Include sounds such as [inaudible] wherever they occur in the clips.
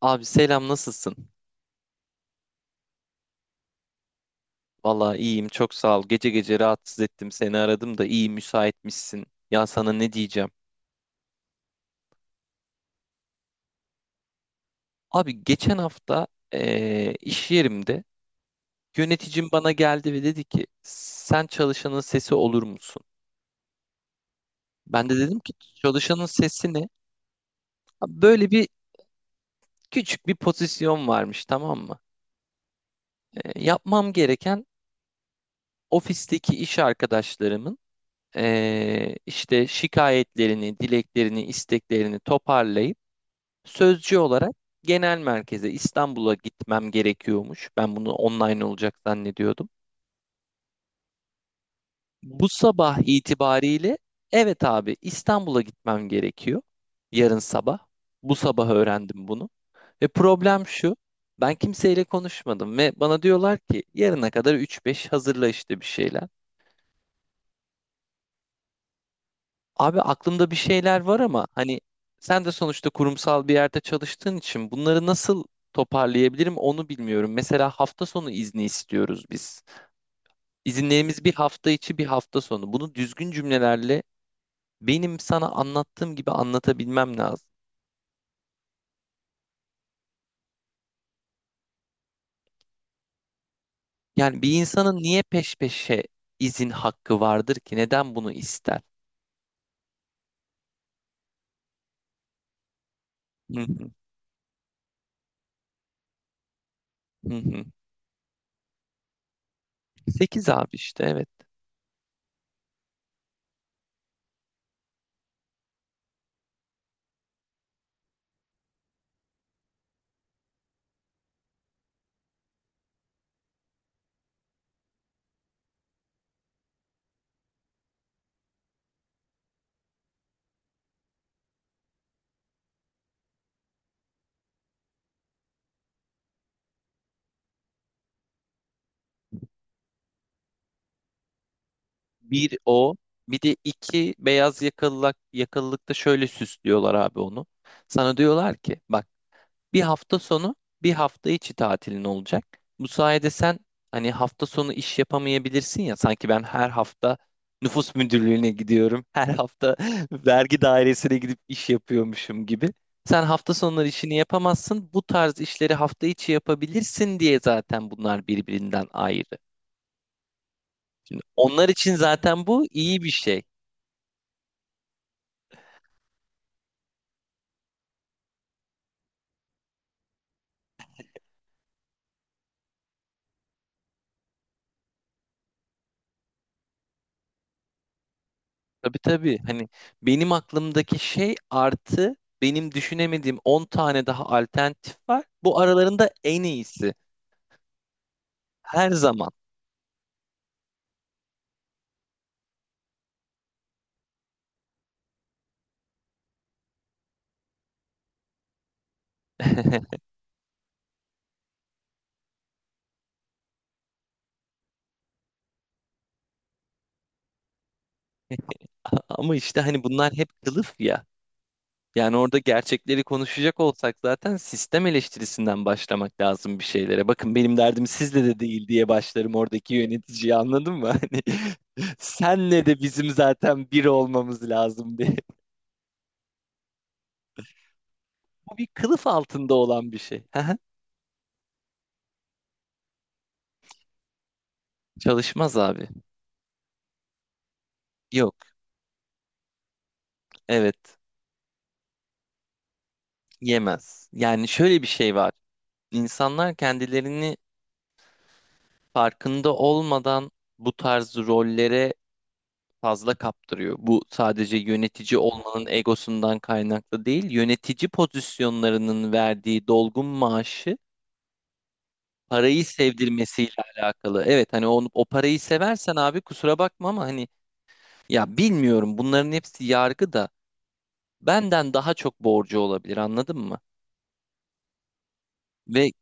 Abi, selam nasılsın? Vallahi iyiyim, çok sağ ol. Gece gece rahatsız ettim, seni aradım da iyi müsaitmişsin. Ya sana ne diyeceğim? Abi, geçen hafta iş yerimde yöneticim bana geldi ve dedi ki, sen çalışanın sesi olur musun? Ben de dedim ki, çalışanın sesi ne? Abi, böyle bir küçük bir pozisyon varmış, tamam mı? Yapmam gereken ofisteki iş arkadaşlarımın işte şikayetlerini, dileklerini, isteklerini toparlayıp sözcü olarak genel merkeze, İstanbul'a gitmem gerekiyormuş. Ben bunu online olacak zannediyordum. Bu sabah itibariyle, evet abi, İstanbul'a gitmem gerekiyor. Yarın sabah. Bu sabah öğrendim bunu. Ve problem şu. Ben kimseyle konuşmadım ve bana diyorlar ki yarına kadar 3-5 hazırla işte bir şeyler. Abi, aklımda bir şeyler var ama hani, sen de sonuçta kurumsal bir yerde çalıştığın için bunları nasıl toparlayabilirim onu bilmiyorum. Mesela hafta sonu izni istiyoruz biz. İzinlerimiz bir hafta içi bir hafta sonu. Bunu düzgün cümlelerle, benim sana anlattığım gibi anlatabilmem lazım. Yani bir insanın niye peş peşe izin hakkı vardır ki? Neden bunu ister? Hı hı, hı hı. 8 abi, işte evet. Bir o. Bir de iki beyaz yakalılıkta şöyle süslüyorlar abi onu. Sana diyorlar ki, bak, bir hafta sonu bir hafta içi tatilin olacak. Bu sayede sen hani hafta sonu iş yapamayabilirsin ya, sanki ben her hafta nüfus müdürlüğüne gidiyorum. Her hafta [laughs] vergi dairesine gidip iş yapıyormuşum gibi. Sen hafta sonları işini yapamazsın. Bu tarz işleri hafta içi yapabilirsin diye zaten bunlar birbirinden ayrı. Şimdi onlar için zaten bu iyi bir şey. Tabii tabii. Hani benim aklımdaki şey artı benim düşünemediğim 10 tane daha alternatif var. Bu aralarında en iyisi. Her zaman. [laughs] Ama işte hani bunlar hep kılıf ya. Yani orada gerçekleri konuşacak olsak zaten sistem eleştirisinden başlamak lazım bir şeylere. Bakın benim derdim sizle de değil diye başlarım oradaki yöneticiyi, anladın mı? [laughs] Hani senle de bizim zaten bir olmamız lazım diye. Bu bir kılıf altında olan bir şey. [laughs] Çalışmaz abi. Yok. Evet, yemez. Yani şöyle bir şey var. İnsanlar kendilerini farkında olmadan bu tarz rollere fazla kaptırıyor. Bu sadece yönetici olmanın egosundan kaynaklı değil, yönetici pozisyonlarının verdiği dolgun maaşı, parayı sevdirmesiyle alakalı. Evet, hani onu, o parayı seversen abi kusura bakma ama hani, ya bilmiyorum, bunların hepsi yargı da benden daha çok borcu olabilir, anladın mı? Ve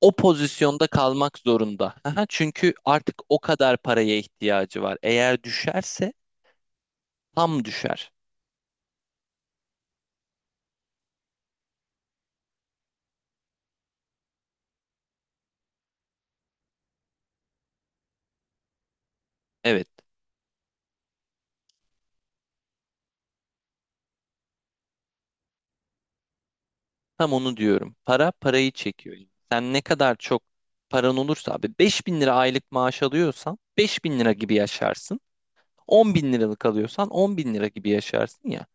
o pozisyonda kalmak zorunda. Aha, çünkü artık o kadar paraya ihtiyacı var. Eğer düşerse tam düşer. Evet, tam onu diyorum. Para parayı çekiyor. Sen ne kadar çok paran olursa abi, 5.000 lira aylık maaş alıyorsan 5.000 lira gibi yaşarsın. 10 bin liralık alıyorsan 10 bin lira gibi yaşarsın ya.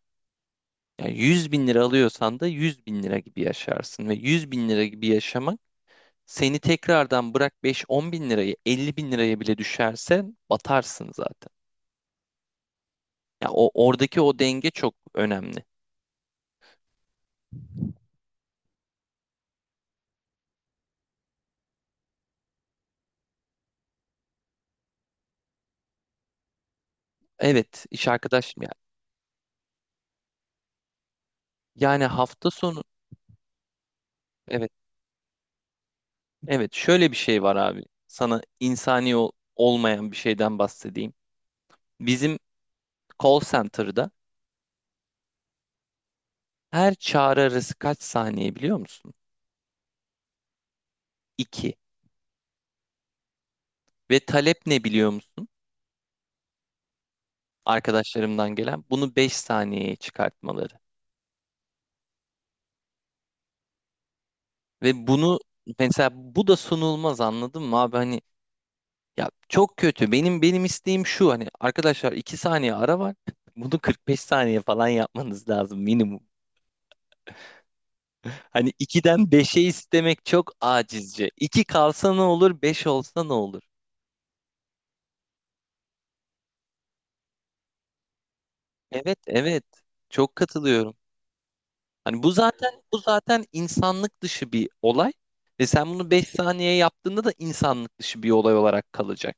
Yani 100 bin lira alıyorsan da 100 bin lira gibi yaşarsın. Ve 100 bin lira gibi yaşamak seni, tekrardan bırak 5-10 bin lirayı, 50 bin liraya bile düşerse batarsın zaten. Ya o oradaki o denge çok önemli. Evet, iş arkadaşım yani. Yani hafta sonu, evet evet, şöyle bir şey var abi. Sana insani olmayan bir şeyden bahsedeyim. Bizim call center'da her çağrı arası kaç saniye biliyor musun? 2. Ve talep ne biliyor musun? Arkadaşlarımdan gelen bunu 5 saniyeye çıkartmaları. Ve bunu mesela bu da sunulmaz, anladın mı abi? Hani, ya çok kötü. Benim isteğim şu, hani arkadaşlar 2 saniye ara var. [laughs] Bunu 45 saniye falan yapmanız lazım minimum. [laughs] Hani 2'den 5'e istemek çok acizce. 2 kalsa ne olur, 5 olsa ne olur? Evet, evet. Çok katılıyorum. Hani bu zaten insanlık dışı bir olay ve sen bunu 5 saniye yaptığında da insanlık dışı bir olay olarak kalacak.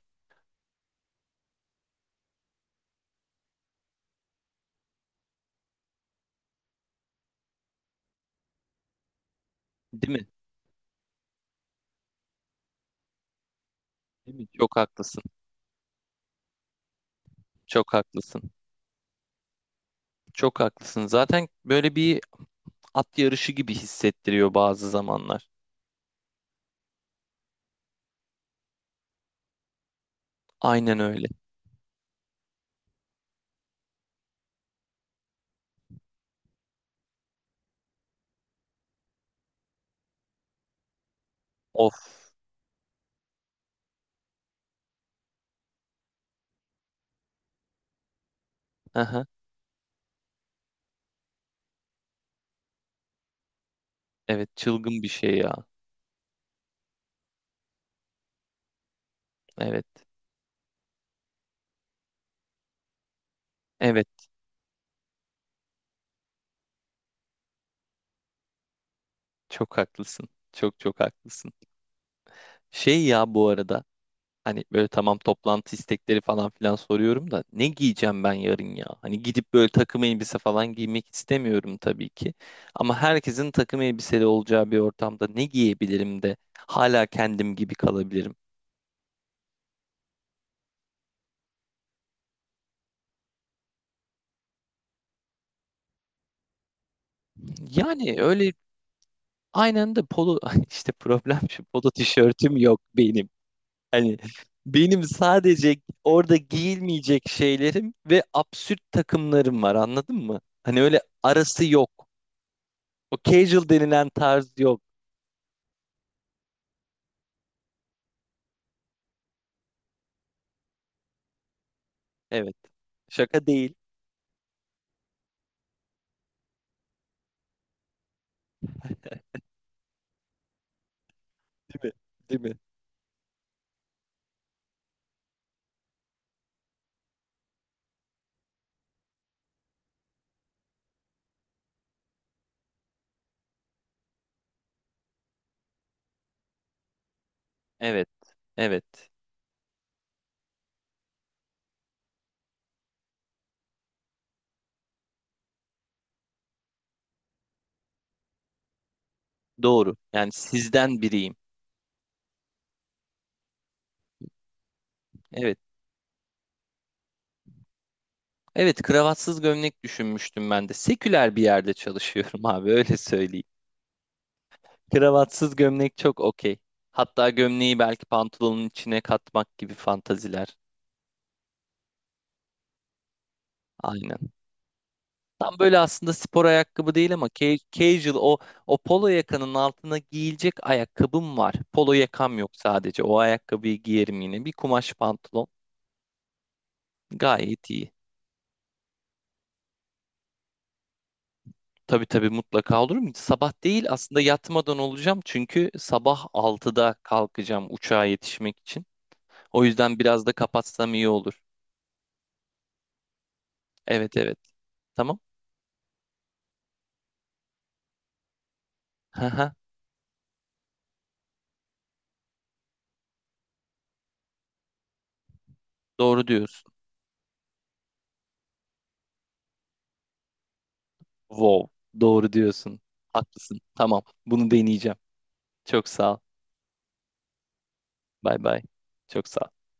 Değil mi? Değil mi? Çok haklısın. Çok haklısın. Çok haklısın. Zaten böyle bir at yarışı gibi hissettiriyor bazı zamanlar. Aynen öyle. Of. Aha. Evet, çılgın bir şey ya. Evet. Evet, çok haklısın. Çok çok haklısın. Şey ya, bu arada hani böyle, tamam, toplantı istekleri falan filan soruyorum da ne giyeceğim ben yarın ya? Hani gidip böyle takım elbise falan giymek istemiyorum tabii ki. Ama herkesin takım elbiseli olacağı bir ortamda ne giyebilirim de hala kendim gibi kalabilirim. Yani öyle. Aynı anda polo [laughs] işte problem şu, polo tişörtüm yok benim. Hani benim sadece orada giyilmeyecek şeylerim ve absürt takımlarım var, anladın mı? Hani öyle arası yok. O casual denilen tarz yok. Evet. Şaka değil, değil mi? Değil mi? Evet. Evet. Doğru. Yani sizden biriyim. Evet. Evet, kravatsız gömlek düşünmüştüm ben de. Seküler bir yerde çalışıyorum [laughs] abi, öyle söyleyeyim. Kravatsız gömlek çok okey. Hatta gömleği belki pantolonun içine katmak gibi fantaziler. Aynen. Tam böyle aslında spor ayakkabı değil ama casual, o polo yakanın altına giyilecek ayakkabım var. Polo yakam yok sadece. O ayakkabıyı giyerim yine. Bir kumaş pantolon. Gayet iyi. Tabii tabii, mutlaka, olur mu? Sabah değil aslında, yatmadan olacağım. Çünkü sabah 6'da kalkacağım uçağa yetişmek için. O yüzden biraz da kapatsam iyi olur. Evet evet. Tamam. [laughs] Doğru diyorsun. Wow. Doğru diyorsun. Haklısın. Tamam. Bunu deneyeceğim. Çok sağ ol. Bay bay. Çok sağ ol.